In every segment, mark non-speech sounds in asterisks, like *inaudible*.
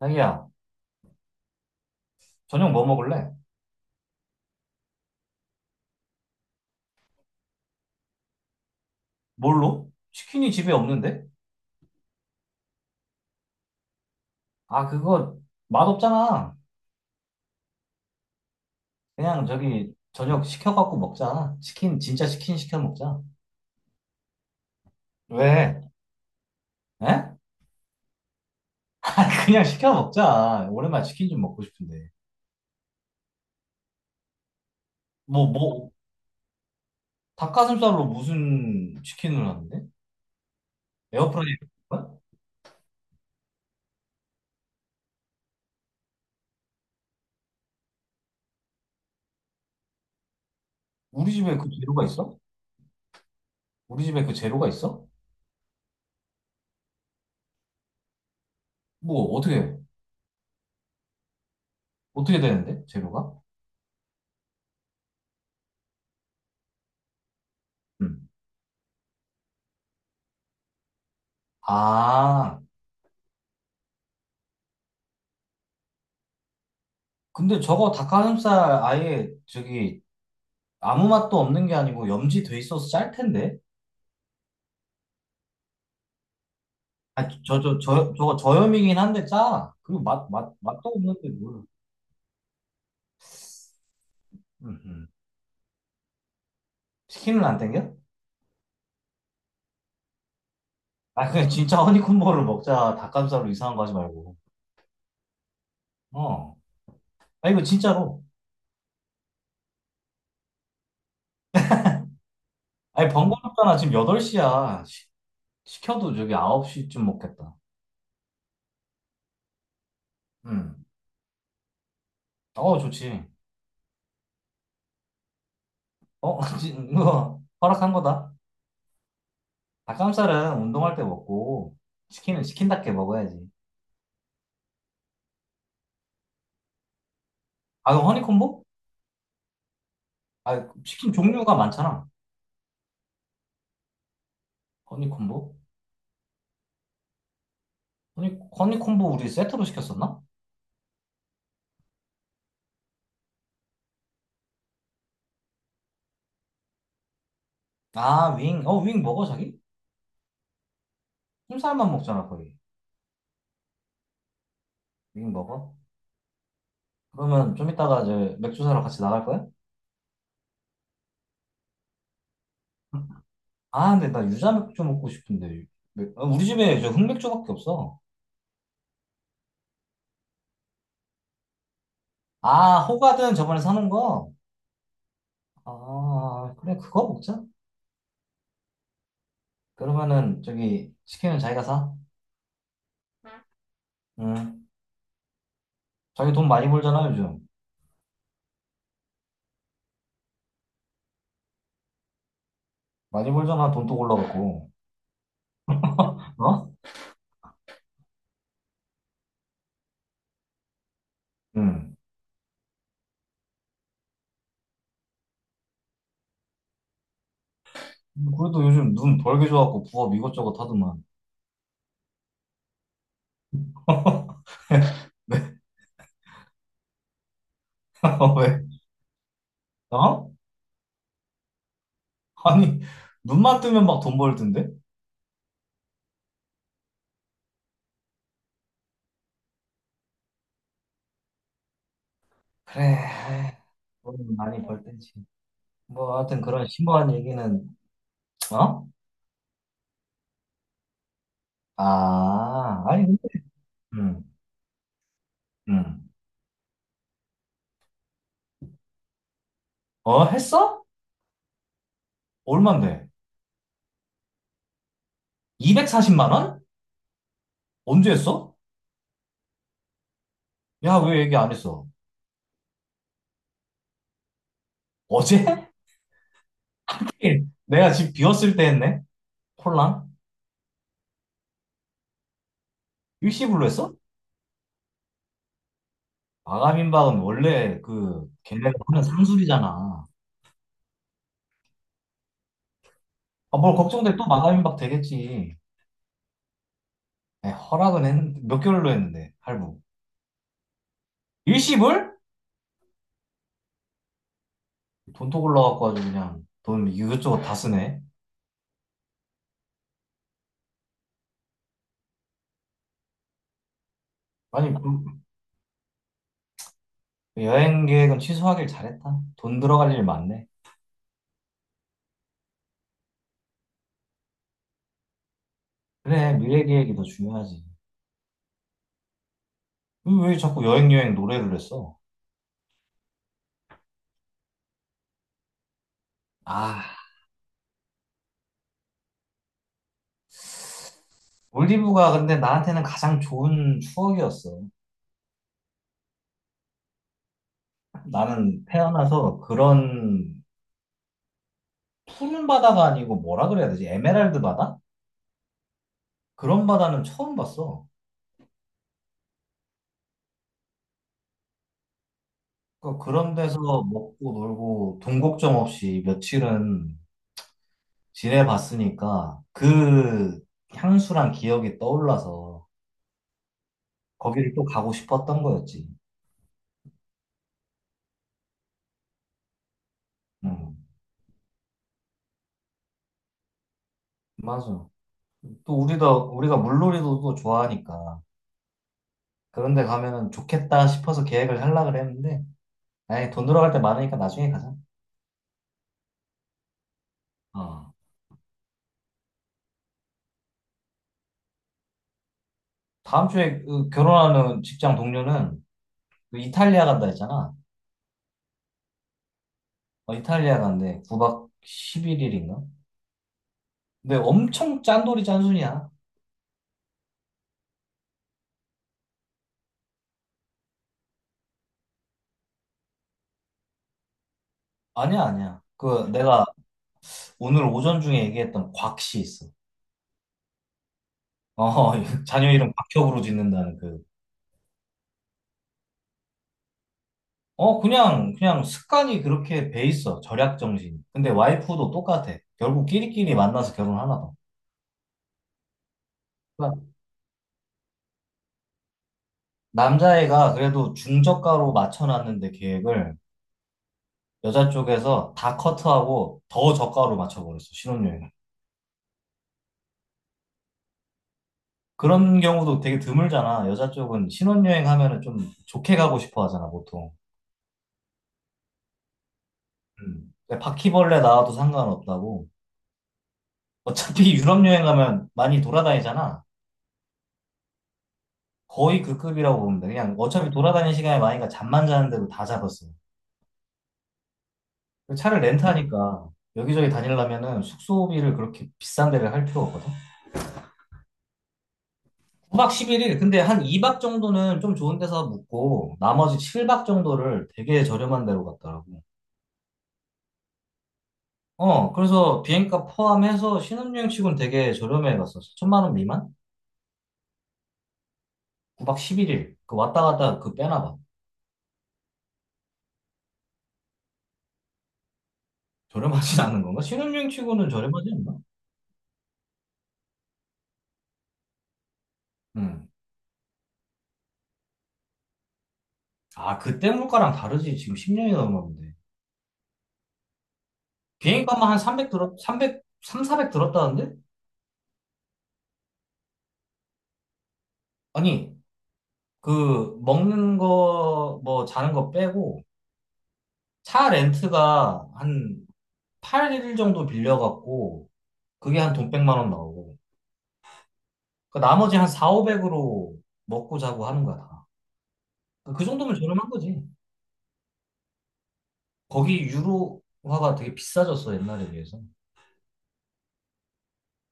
자기야, 저녁 뭐 먹을래? 뭘로? 치킨이 집에 없는데? 아, 그거 맛없잖아. 그냥 저기 저녁 시켜갖고 먹자. 치킨, 진짜 치킨 시켜 먹자. 왜? 에? *laughs* 그냥 시켜 먹자. 오랜만에 치킨 좀 먹고 싶은데. 뭐, 닭가슴살로 무슨 치킨을 하는데? 에어프라이어? 우리 집에 그 재료가 있어? 우리 집에 그 재료가 있어? 뭐, 어떻게, 어떻게 되는데? 재료가? 음. 아, 근데 저거 닭가슴살 아예 저기 아무 맛도 없는 게 아니고 염지 돼 있어서 짤 텐데. 아, 저거 저염이긴 한데 짜. 그리고 맛도 없는데 뭘. 음, 음. 치킨은 안 땡겨? 아, 그냥 진짜 허니콤보를 먹자. 닭가슴살로 이상한 거 하지 말고. 어. 아, 이거 진짜로. 아니, 번거롭잖아. 지금 8시야. 시켜도 저기 9시쯤 먹겠다. 음. 어, 좋지. 어, *laughs* 이거 허락한 거다. 닭가슴살은 운동할 때 먹고, 치킨은 치킨답게 먹어야지. 아, 그럼 허니콤보? 아, 치킨 종류가 많잖아. 허니 콤보? 허니 콤보 우리 세트로 시켰었나? 아, 윙. 어, 윙 먹어, 자기? 흰살만 먹잖아, 거의. 윙 먹어? 그러면 좀 이따가 이제 맥주 사러 같이 나갈 거야? 아, 근데 나 유자 맥주 먹고 싶은데. 아, 우리 집에 저 흑맥주밖에 없어. 아, 호가든 저번에 사놓은 거? 아, 그래, 그거 먹자. 그러면은 저기 치킨은 자기가 사. 응. 자기 돈 많이 벌잖아, 요즘. 많이 벌잖아, 돈또 올라갔고. 어? 응. 그래도 요즘 눈 벌게 좋아갖고 부업 이것저것 하더만. *laughs* 네. 어, 왜? 어? 아니, 눈만 뜨면 막 돈 벌던데? 그래, 에이, 돈 많이 벌던지 뭐, 하여튼 그런 심오한 얘기는, 어? 아, 아니, 근데, 응, 응. 어, 했어? 얼만데? 240만 원? 언제 했어? 야, 왜 얘기 안 했어? 어제? *laughs* 하긴 내가 집 비웠을 때 했네? 콜랑? 일시불로 했어? 마감임박은 원래 그, 걔네가 하는 상술이잖아. 아, 뭘 걱정돼. 또 마감임박 되겠지. 네, 허락은 했는데, 몇 개월로 했는데, 할부. 일시불? 돈톡 올라갖고 아주 그냥 돈 이것저것 다 쓰네. 아니, 그 여행 계획은 취소하길 잘했다. 돈 들어갈 일 많네. 그래, 미래 계획이 더 중요하지. 왜 자꾸 여행 노래를 했어? 아, 몰디브가 근데 나한테는 가장 좋은 추억이었어. 나는 태어나서 그런 푸른 바다가 아니고 뭐라 그래야 되지? 에메랄드 바다? 그런 바다는 처음 봤어. 그런 데서 먹고 놀고 돈 걱정 없이 며칠은 지내봤으니까 그 향수랑 기억이 떠올라서 거기를 또 가고 싶었던 거였지. 응. 맞아. 또 우리도 우리가 물놀이도 또 좋아하니까 그런 데 가면은 좋겠다 싶어서 계획을 하려고 했는데 아예 돈 들어갈 때 많으니까 나중에 가자. 어. 다음 주에 그 결혼하는 직장 동료는 그 이탈리아 간다 했잖아. 어, 이탈리아 간대. 9박 11일인가? 근데 엄청 짠돌이 짠순이야. 아니야, 아니야. 그 내가 오늘 오전 중에 얘기했던 곽씨 있어. 어, *laughs* 자녀 이름 곽혁으로 짓는다는 그. 어, 그냥 습관이 그렇게 배 있어. 절약 정신. 근데 와이프도 똑같아. 결국 끼리끼리 만나서 결혼하나 봐. 그러니까 남자애가 그래도 중저가로 맞춰놨는데 계획을 여자 쪽에서 다 커트하고 더 저가로 맞춰버렸어, 신혼여행을. 그런 경우도 되게 드물잖아. 여자 쪽은 신혼여행 하면은 좀 좋게 가고 싶어 하잖아, 보통. 음. 그 바퀴벌레 나와도 상관없다고. 어차피 *laughs* 유럽 여행 가면 많이 돌아다니잖아. 거의 그 급이라고 보면 돼. 그냥 어차피 돌아다니는 시간이 많으니까 잠만 자는데도 다 잡았어. 그 차를 렌트하니까 여기저기 다니려면은 숙소비를 그렇게 비싼 데를 할 필요 없거든. 9박 1 1일 근데 한 2박 정도는 좀 좋은 데서 묵고 나머지 7박 정도를 되게 저렴한 데로 갔더라고. 어, 그래서 비행값 포함해서 신혼여행 치고는 되게 저렴해 갔어. 천만 원 미만? 9박 11일. 그 왔다 갔다 그 빼나 봐. 저렴하진 않은 건가? 신혼여행 치고는 저렴하지 않나? 음. 아, 그때 물가랑 다르지. 지금 10년이 넘었는데. 비행값만 한 300 들었, 삼백 삼사400 들었다는데? 아니, 그, 먹는 거, 뭐, 자는 거 빼고, 차 렌트가 한 8일 정도 빌려갖고, 그게 한 돈 100만 원 나오고, 그 나머지 한 4, 500으로 먹고 자고 하는 거야, 다. 그러니까 그 정도면 저렴한 거지. 거기 유로화가 되게 비싸졌어, 옛날에 비해서.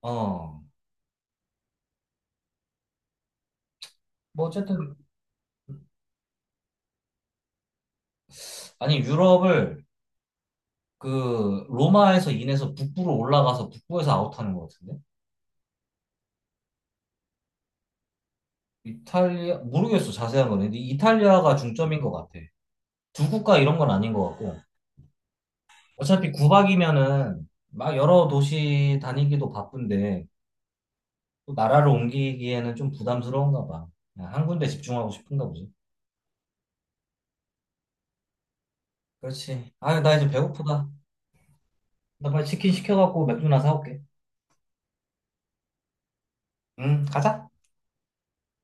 어. 뭐, 어쨌든, 아니, 유럽을 그 로마에서 인해서 북부로 올라가서 북부에서 아웃하는 것 같은데? 이탈리아 모르겠어 자세한 거는 근데 이탈리아가 중점인 것 같아. 두 국가 이런 건 아닌 것 같고 어차피 구박이면은 막 여러 도시 다니기도 바쁜데 또 나라를 옮기기에는 좀 부담스러운가 봐. 그냥 한 군데 집중하고 싶은가 보지. 그렇지. 아유 나 이제 배고프다. 나 빨리 치킨 시켜갖고 맥주나 사올게. 응 가자.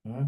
응.